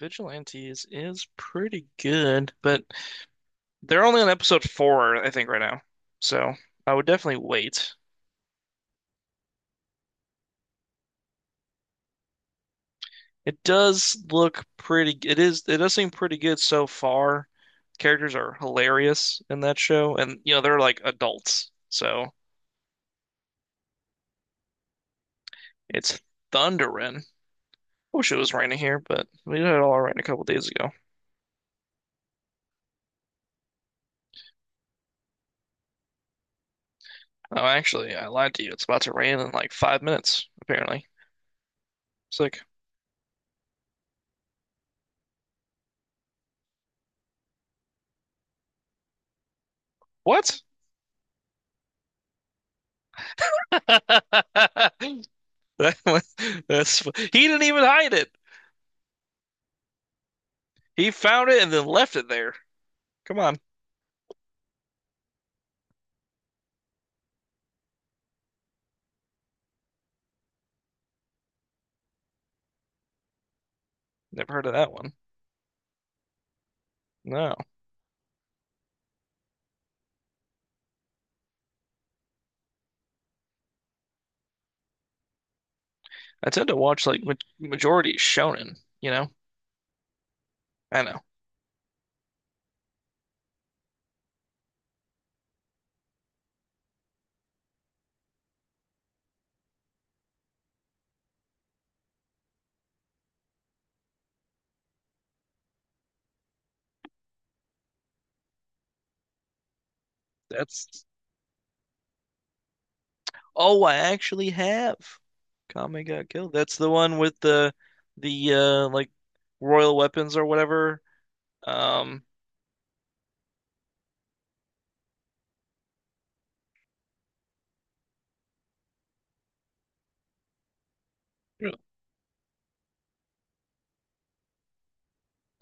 Vigilantes is pretty good, but they're only on episode four, I think, right now. So I would definitely wait. It does look pretty. It is. It does seem pretty good so far. Characters are hilarious in that show, and you know they're like adults, so it's thundering. Wish it was raining here, but we had it all rain a couple days ago. Oh, actually, I lied to you. It's about to rain in like 5 minutes, apparently. It's like, what? It That was, that's he didn't even hide it. He found it and then left it there. Come on, never heard of that one. No, I tend to watch like ma majority shonen. You know, I know that's. Oh, I actually have. Kame got killed. That's the one with the like royal weapons or whatever. Um, Really?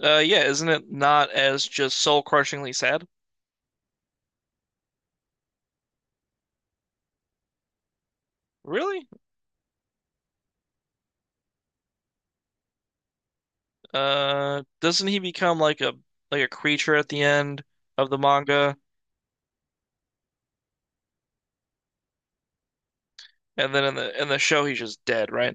Yeah, isn't it not as just soul crushingly sad? Really? Doesn't he become like a creature at the end of the manga? And then in the show, he's just dead, right?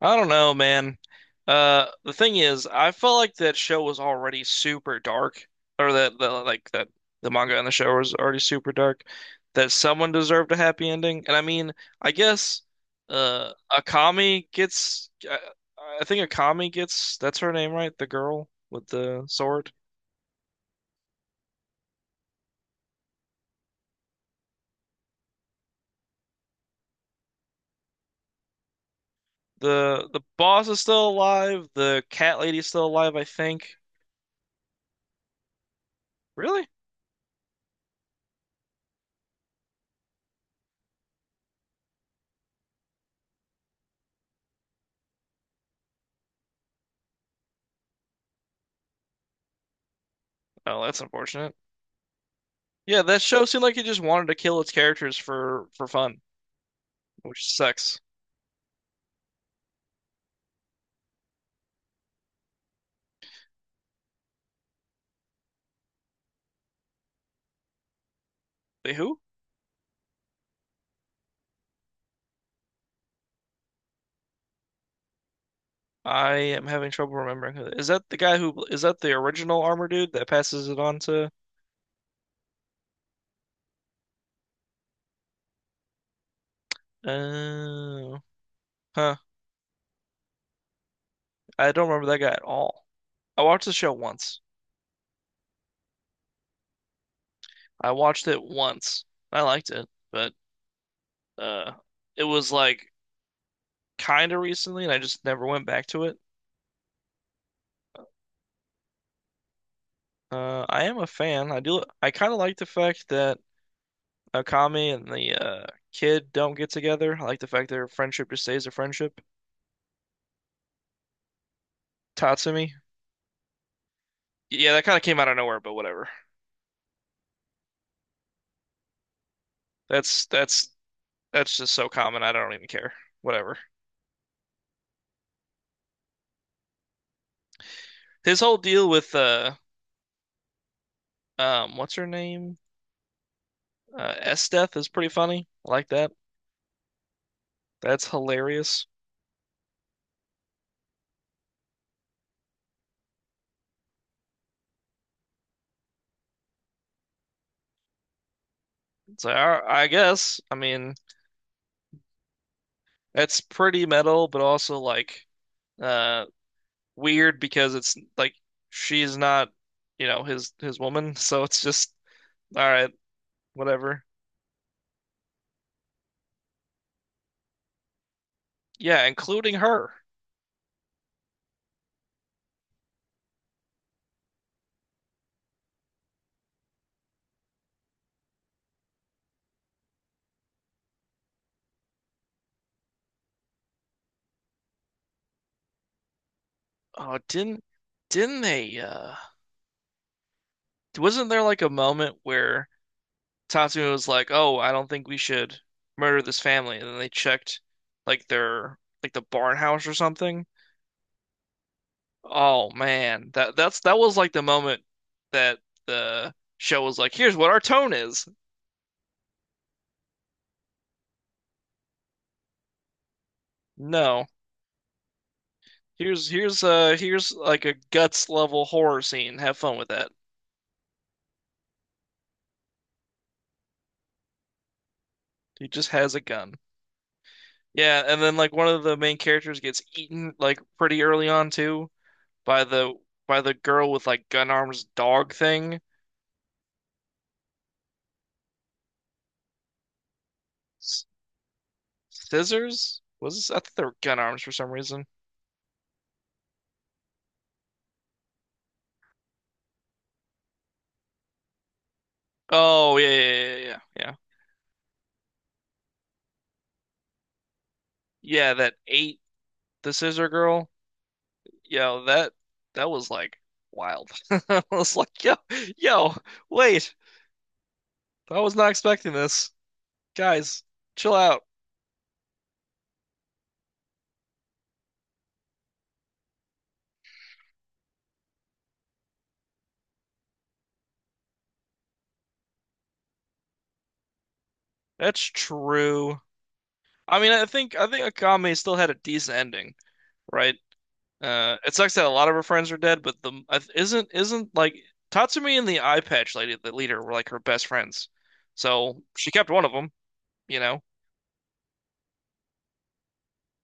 I don't know, man. The thing is, I felt like that show was already super dark, or that the like that the manga and the show was already super dark. That someone deserved a happy ending, and I mean, I guess, Akami gets. I think Akami gets. That's her name, right? The girl with the sword. The boss is still alive. The cat lady's still alive, I think. Really? Oh, that's unfortunate. Yeah, that show seemed like it just wanted to kill its characters for fun, which sucks. Wait, who? I am having trouble remembering who. Is that the guy who is that the original armor dude that passes it on to? Oh, huh. I don't remember that guy at all. I watched the show once. I watched it once. I liked it, but uh, it was like kind of recently, and I just never went back to it. I am a fan. I do. I kind of like the fact that Akami and the kid don't get together. I like the fact their friendship just stays a friendship. Tatsumi. Yeah, that kind of came out of nowhere, but whatever. That's that's just so common. I don't even care. Whatever. His whole deal with what's her name? S Death is pretty funny. I like that. That's hilarious. It's like, "All right, I guess. I mean, that's pretty metal, but also like uh weird because it's like she's not, his woman, so it's just all right, whatever. Yeah, including her. Oh, didn't they wasn't there like a moment where Tatsumi was like, "Oh, I don't think we should murder this family." And then they checked like their like the barn house or something. Oh man, that that was like the moment that the show was like, "Here's what our tone is." No. Here's here's like a guts level horror scene. Have fun with that. He just has a gun. Yeah, and then like one of the main characters gets eaten like pretty early on too by the by the girl with like gun arms dog thing. S Scissors? Was this? I thought they were gun arms for some reason. Oh yeah, yeah, yeah, yeah, yeah. Yeah, yeah, that ate the scissor girl. Yo, that was like wild. I was like, yo, yo, wait. I was not expecting this. Guys, chill out. That's true. I mean, I think Akame still had a decent ending, right? It sucks that a lot of her friends are dead, but the isn't like Tatsumi and the eye patch lady, the leader, were like her best friends. So she kept one of them, you know,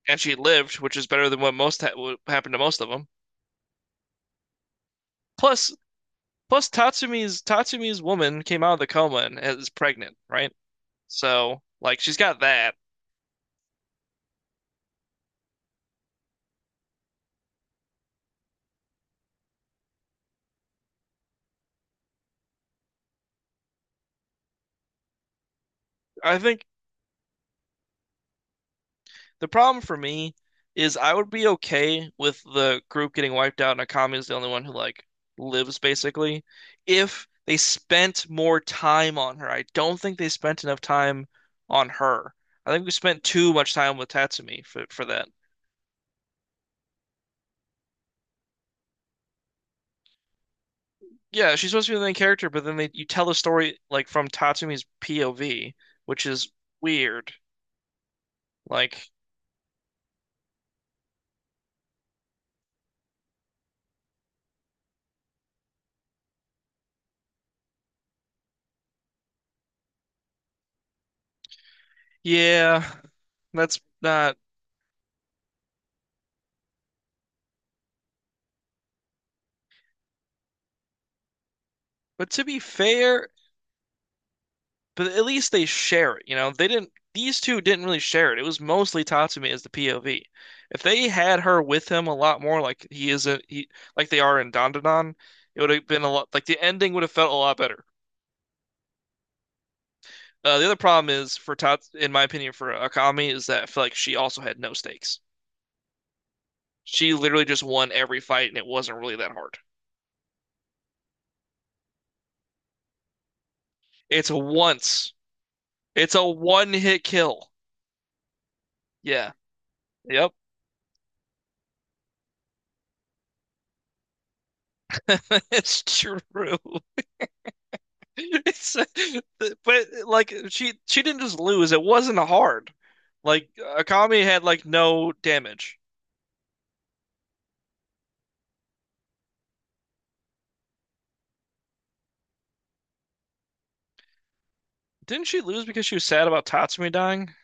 and she lived, which is better than what most ha what happened to most of them. Plus, plus Tatsumi's woman came out of the coma and is pregnant, right? So like she's got that. I think the problem for me is I would be okay with the group getting wiped out and Akami is the only one who like lives basically if they spent more time on her. I don't think they spent enough time on her. I think we spent too much time with Tatsumi for that. Yeah, she's supposed to be the main character, but then they you tell the story like from Tatsumi's POV, which is weird. Like, yeah, that's not. But to be fair, but at least they share it. You know, they didn't. These two didn't really share it. It was mostly Tatsumi as the POV. If they had her with him a lot more, like he is a he, like they are in Dandadan, it would have been a lot. Like the ending would have felt a lot better. The other problem is for Tats, in my opinion, for Akami is that I feel like she also had no stakes. She literally just won every fight, and it wasn't really that hard. It's a once. It's a one hit kill. Yeah. Yep. It's true. It's but like she didn't just lose. It wasn't hard. Like Akami had like no damage. Didn't she lose because she was sad about Tatsumi dying?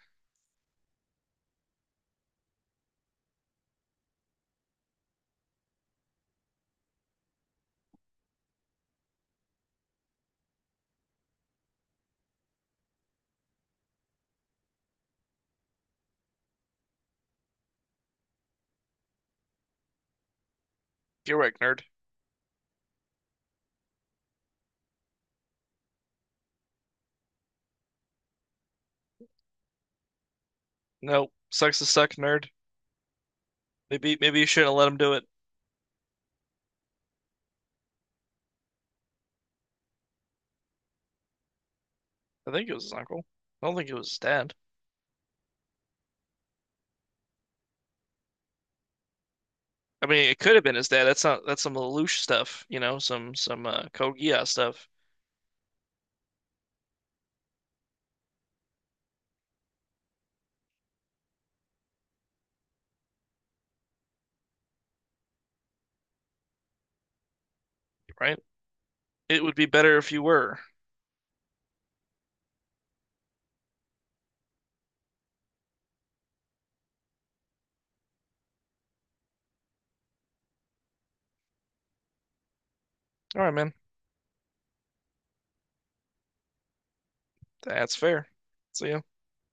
You're right, nerd. No, sucks to suck, nerd. Maybe you shouldn't have let him do it. I think it was his uncle. I don't think it was his dad. I mean, it could have been his dad. That's not that's some Lelouch stuff, you know, some Code Geass stuff, right? It would be better if you were. All right, man. That's fair. See ya.